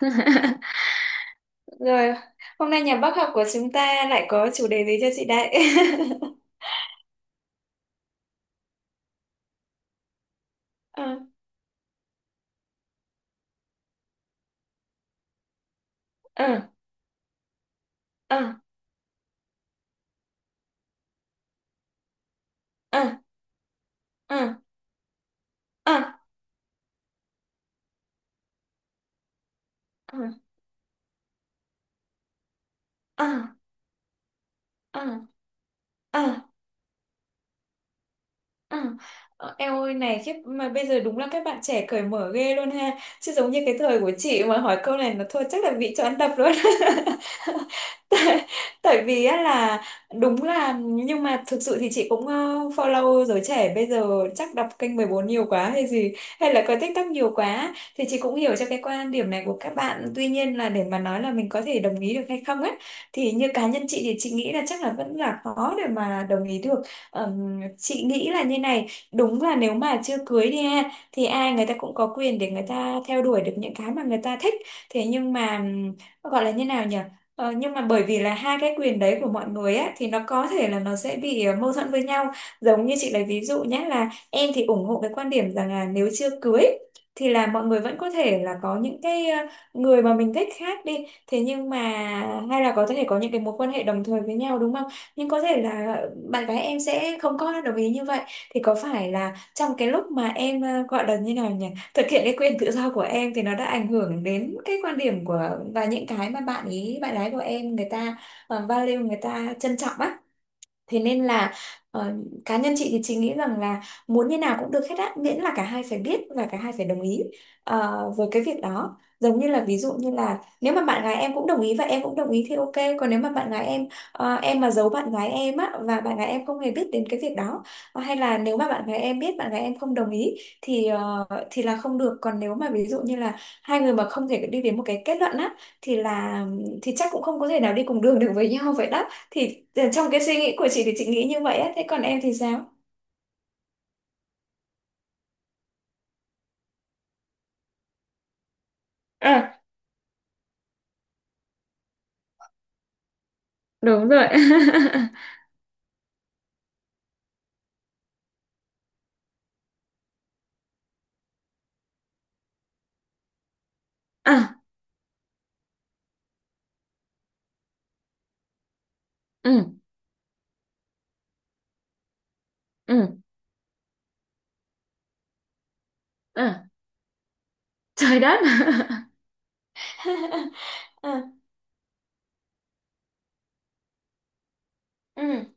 Rồi, hôm nay nhà bác học của chúng ta lại có chủ đề gì cho chị đấy? Ờ, ờ, ờ, ờ, ờ, ờ, ờ, ờ, ờ, ờ. À, em ơi này khiếp mà bây giờ đúng là các bạn trẻ cởi mở ghê luôn ha, chứ giống như cái thời của chị mà hỏi câu này nó thôi chắc là bị cho ăn tập luôn. tại, Tại vì á là đúng là, nhưng mà thực sự thì chị cũng follow giới trẻ bây giờ, chắc đọc kênh 14 nhiều quá hay gì, hay là coi TikTok nhiều quá, thì chị cũng hiểu cho cái quan điểm này của các bạn. Tuy nhiên là để mà nói là mình có thể đồng ý được hay không ấy, thì như cá nhân chị thì chị nghĩ là chắc là vẫn là khó để mà đồng ý được. Chị nghĩ là như này, đúng là nếu mà chưa cưới đi ha, thì ai người ta cũng có quyền để người ta theo đuổi được những cái mà người ta thích. Thế nhưng mà gọi là như nào nhỉ. Ờ, nhưng mà bởi vì là hai cái quyền đấy của mọi người á, thì nó có thể là nó sẽ bị mâu thuẫn với nhau. Giống như chị lấy ví dụ nhé, là em thì ủng hộ cái quan điểm rằng là nếu chưa cưới thì là mọi người vẫn có thể là có những cái người mà mình thích khác đi. Thế nhưng mà hay là có thể có những cái mối quan hệ đồng thời với nhau, đúng không? Nhưng có thể là bạn gái em sẽ không có đồng ý như vậy. Thì có phải là trong cái lúc mà em gọi là như nào nhỉ, thực hiện cái quyền tự do của em, thì nó đã ảnh hưởng đến cái quan điểm của và những cái mà bạn ý bạn gái của em người ta value, người ta trân trọng á. Thế nên là, ờ, cá nhân chị thì chị nghĩ rằng là muốn như nào cũng được hết á, miễn là cả hai phải biết và cả hai phải đồng ý với cái việc đó. Giống như là ví dụ như là nếu mà bạn gái em cũng đồng ý và em cũng đồng ý thì ok. Còn nếu mà bạn gái em, em mà giấu bạn gái em á và bạn gái em không hề biết đến cái việc đó, Ờ, hay là nếu mà bạn gái em biết bạn gái em không đồng ý, thì thì là không được. Còn nếu mà ví dụ như là hai người mà không thể đi đến một cái kết luận á, thì là thì chắc cũng không có thể nào đi cùng đường được với nhau vậy đó. Thì trong cái suy nghĩ của chị thì chị nghĩ như vậy á, thế còn em thì sao? À, đúng rồi. À, ừ, ừ, à, trời đất. à, ừ,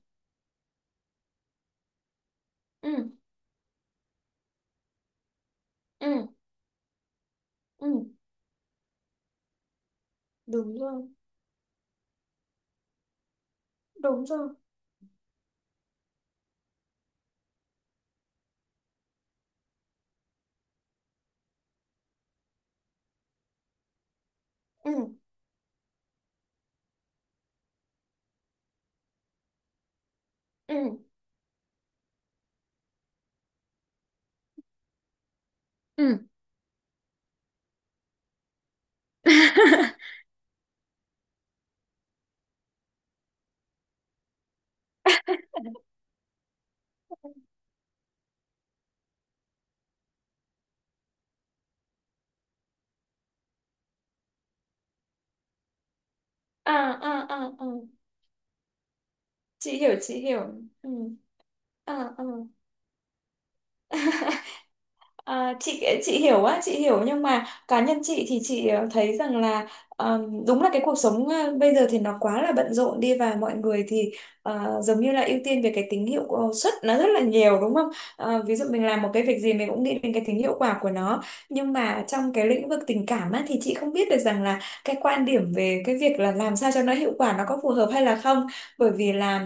ừ, ừ, ừ, đúng rồi, đúng rồi. ừ, ừ, Ừ. à, à, à, à. Chị hiểu, chị hiểu. ừ, À, à. À, chị hiểu á, chị hiểu, nhưng mà cá nhân chị thì chị thấy rằng là đúng là cái cuộc sống bây giờ thì nó quá là bận rộn đi, và mọi người thì giống như là ưu tiên về cái tính hiệu suất nó rất là nhiều, đúng không? Ờ, ví dụ mình làm một cái việc gì mình cũng nghĩ đến cái tính hiệu quả của nó, nhưng mà trong cái lĩnh vực tình cảm á, thì chị không biết được rằng là cái quan điểm về cái việc là làm sao cho nó hiệu quả nó có phù hợp hay là không. Bởi vì là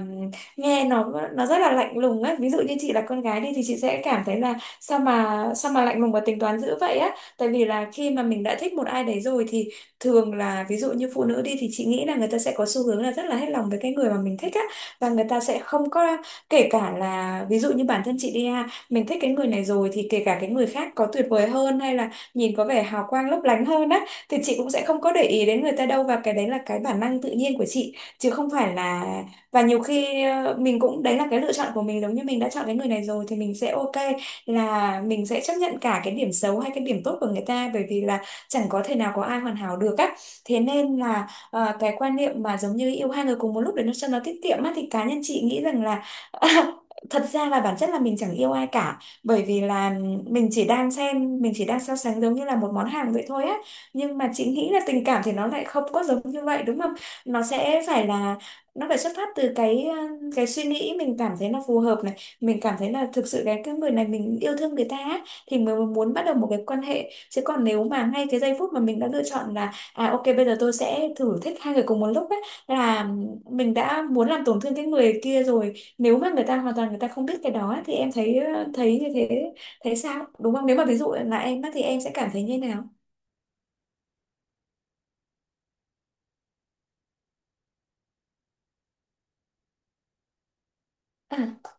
nghe nó rất là lạnh lùng á. Ví dụ như chị là con gái đi thì chị sẽ cảm thấy là sao mà lạnh lùng và tính toán dữ vậy á. Tại vì là khi mà mình đã thích một ai đấy rồi thì thường là, ví dụ như phụ nữ đi, thì chị nghĩ là người ta sẽ có xu hướng là rất là hết lòng với cái người mà mình thích á, và người ta sẽ không có. Kể cả là ví dụ như bản thân chị đi ha, mình thích cái người này rồi thì kể cả cái người khác có tuyệt vời hơn hay là nhìn có vẻ hào quang lấp lánh hơn á, thì chị cũng sẽ không có để ý đến người ta đâu, và cái đấy là cái bản năng tự nhiên của chị chứ không phải là. Và nhiều khi mình cũng, đấy là cái lựa chọn của mình, giống như mình đã chọn cái người này rồi thì mình sẽ ok, là mình sẽ chấp nhận cả cái điểm xấu hay cái điểm tốt của người ta. Bởi vì là chẳng có thể nào có ai hoàn hảo được á. Thế nên là, cái quan niệm mà giống như yêu hai người cùng một lúc để nó cho nó tiết kiệm á, thì cá nhân chị nghĩ rằng là thật ra là bản chất là mình chẳng yêu ai cả. Bởi vì là mình chỉ đang xem, mình chỉ đang so sánh giống như là một món hàng vậy thôi á. Nhưng mà chị nghĩ là tình cảm thì nó lại không có giống như vậy, đúng không? Nó sẽ phải là, nó phải xuất phát từ cái cái suy nghĩ mình cảm thấy nó phù hợp này, mình cảm thấy là thực sự cái người này mình yêu thương người ta á, thì mới muốn bắt đầu một cái quan hệ. Chứ còn nếu mà ngay cái giây phút mà mình đã lựa chọn là à ok bây giờ tôi sẽ thử thích hai người cùng một lúc ấy, là mình đã muốn làm tổn thương cái người kia rồi. Nếu mà người ta hoàn toàn người ta không biết cái đó ấy, thì em thấy thấy như thế, thấy sao? Đúng không, nếu mà ví dụ là em á, thì em sẽ cảm thấy như nào? à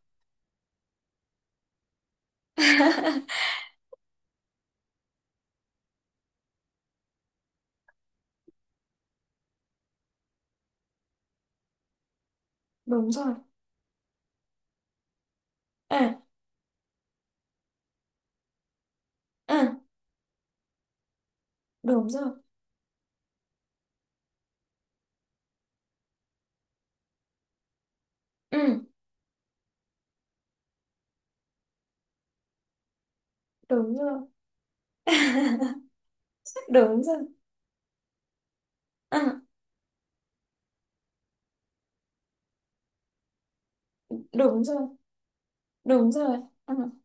Đúng rồi. à à Đúng rồi. ừ Đúng rồi. Đúng rồi. à Đúng rồi, đúng rồi, đúng rồi. Ừ.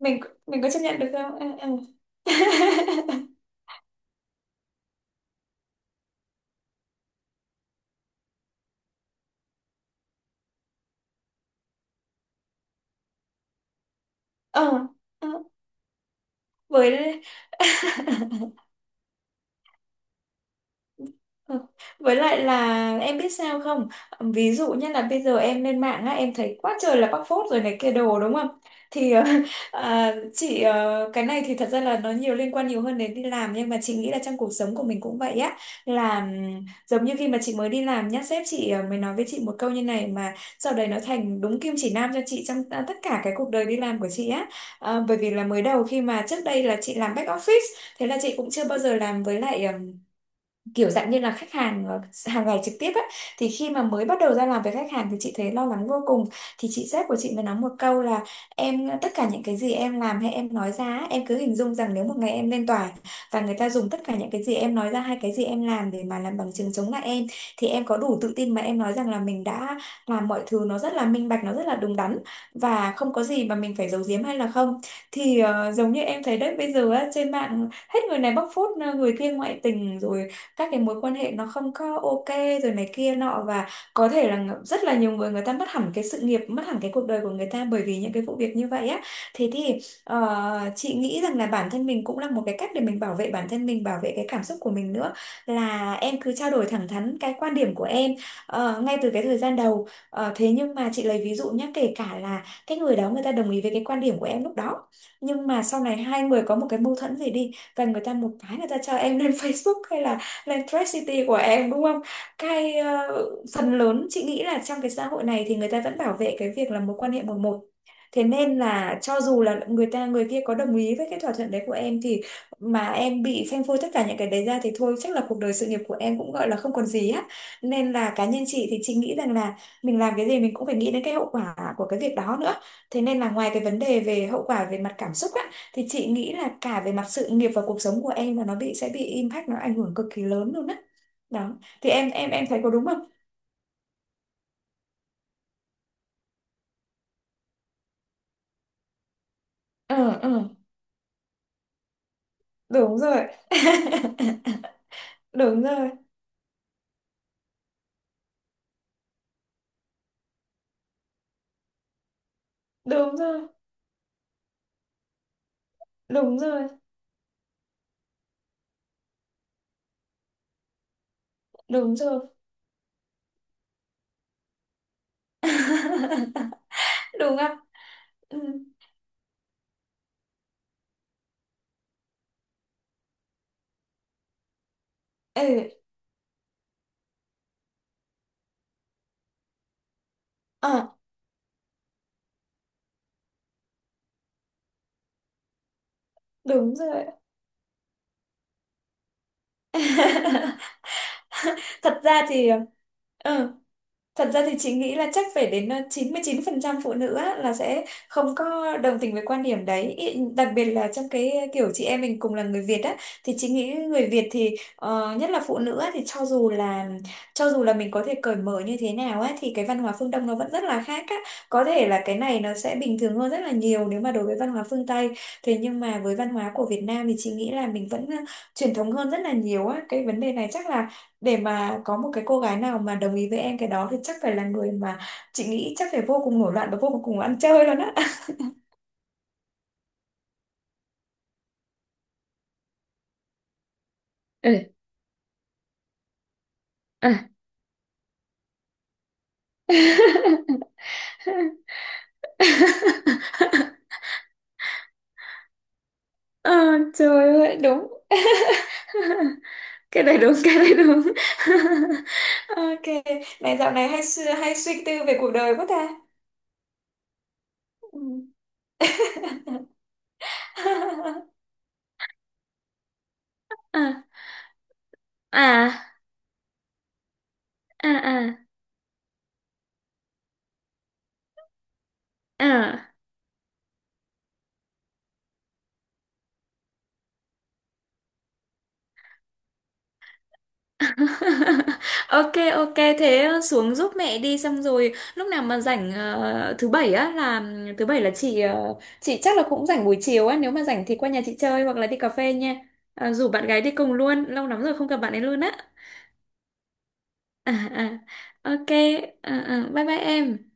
mình mình có chấp nhận được không? Ờ ờ ờ ờ với Ừ. Với lại là em biết sao không? Ví dụ như là bây giờ em lên mạng á, em thấy quá trời là bóc phốt rồi này kia đồ, đúng không? Thì à, chị cái này thì thật ra là nó nhiều liên quan nhiều hơn đến đi làm, nhưng mà chị nghĩ là trong cuộc sống của mình cũng vậy á. Là giống như khi mà chị mới đi làm nhá, sếp chị mới nói với chị một câu như này mà sau đấy nó thành đúng kim chỉ nam cho chị trong, à, tất cả cái cuộc đời đi làm của chị á. Ờ, bởi vì là mới đầu, khi mà trước đây là chị làm back office, thế là chị cũng chưa bao giờ làm với lại kiểu dạng như là khách hàng hàng ngày trực tiếp ấy, thì khi mà mới bắt đầu ra làm với khách hàng thì chị thấy lo lắng vô cùng. Thì chị sếp của chị mới nói một câu là, em tất cả những cái gì em làm hay em nói ra ấy, em cứ hình dung rằng nếu một ngày em lên tòa và người ta dùng tất cả những cái gì em nói ra hay cái gì em làm để mà làm bằng chứng chống lại em, thì em có đủ tự tin mà em nói rằng là mình đã làm mọi thứ nó rất là minh bạch, nó rất là đúng đắn và không có gì mà mình phải giấu giếm hay là không. Thì giống như em thấy đấy, bây giờ á, trên mạng hết người này bóc phốt người kia ngoại tình rồi các cái mối quan hệ nó không có ok rồi này kia nọ, và có thể là rất là nhiều người người ta mất hẳn cái sự nghiệp, mất hẳn cái cuộc đời của người ta bởi vì những cái vụ việc như vậy á. Thế thì, chị nghĩ rằng là bản thân mình cũng là một cái cách để mình bảo vệ bản thân, mình bảo vệ cái cảm xúc của mình nữa. Là em cứ trao đổi thẳng thắn cái quan điểm của em ngay từ cái thời gian đầu. Ờ, thế nhưng mà chị lấy ví dụ nhé, kể cả là cái người đó người ta đồng ý với cái quan điểm của em lúc đó, nhưng mà sau này hai người có một cái mâu thuẫn gì đi và người ta một cái người ta cho em lên Facebook hay là lên Thread City của em, đúng không? Cái phần lớn chị nghĩ là trong cái xã hội này thì người ta vẫn bảo vệ cái việc là mối quan hệ 1-1. Thế nên là cho dù là người ta người kia có đồng ý với cái thỏa thuận đấy của em, thì mà em bị phanh phui tất cả những cái đấy ra thì thôi chắc là cuộc đời sự nghiệp của em cũng gọi là không còn gì á. Nên là cá nhân chị thì chị nghĩ rằng là mình làm cái gì mình cũng phải nghĩ đến cái hậu quả của cái việc đó nữa. Thế nên là ngoài cái vấn đề về hậu quả về mặt cảm xúc á. Thì chị nghĩ là cả về mặt sự nghiệp và cuộc sống của em là nó bị, sẽ bị impact, nó ảnh hưởng cực kỳ lớn luôn á. Đó. Thì em em thấy có đúng không? Ừ ừ, đúng rồi. Đúng rồi. Đúng rồi. Đúng rồi. Đúng rồi. Đúng không? Ừ. Ừ. Ờ, đúng rồi. Thật ra thì ừ. Thật ra thì chị nghĩ là chắc phải đến 99% phụ nữ á, là sẽ không có đồng tình với quan điểm đấy. Đặc biệt là trong cái kiểu chị em mình cùng là người Việt á, thì chị nghĩ người Việt thì nhất là phụ nữ á, thì cho dù là, cho dù là mình có thể cởi mở như thế nào á, thì cái văn hóa phương Đông nó vẫn rất là khác á. Có thể là cái này nó sẽ bình thường hơn rất là nhiều nếu mà đối với văn hóa phương Tây. Thế nhưng mà với văn hóa của Việt Nam thì chị nghĩ là mình vẫn truyền thống hơn rất là nhiều á. Cái vấn đề này chắc là để mà có một cái cô gái nào mà đồng ý với em cái đó thì chắc phải là người mà chị nghĩ chắc phải vô cùng nổi loạn và vô cùng ăn chơi luôn á. ừ à Ờ, trời ơi đúng. Cái này đúng, cái này đúng. Ok, này dạo này hay hay suy tư về cuộc đời quá ta. Ừ. à à à à à Ok, ok, thế xuống giúp mẹ đi, xong rồi lúc nào mà rảnh thứ bảy á, là thứ bảy là chị chị chắc là cũng rảnh buổi chiều á, nếu mà rảnh thì qua nhà chị chơi hoặc là đi cà phê nha. Ờ, rủ bạn gái đi cùng luôn, lâu lắm rồi không gặp bạn ấy luôn á. À, à. Ok, à, à. Bye bye em.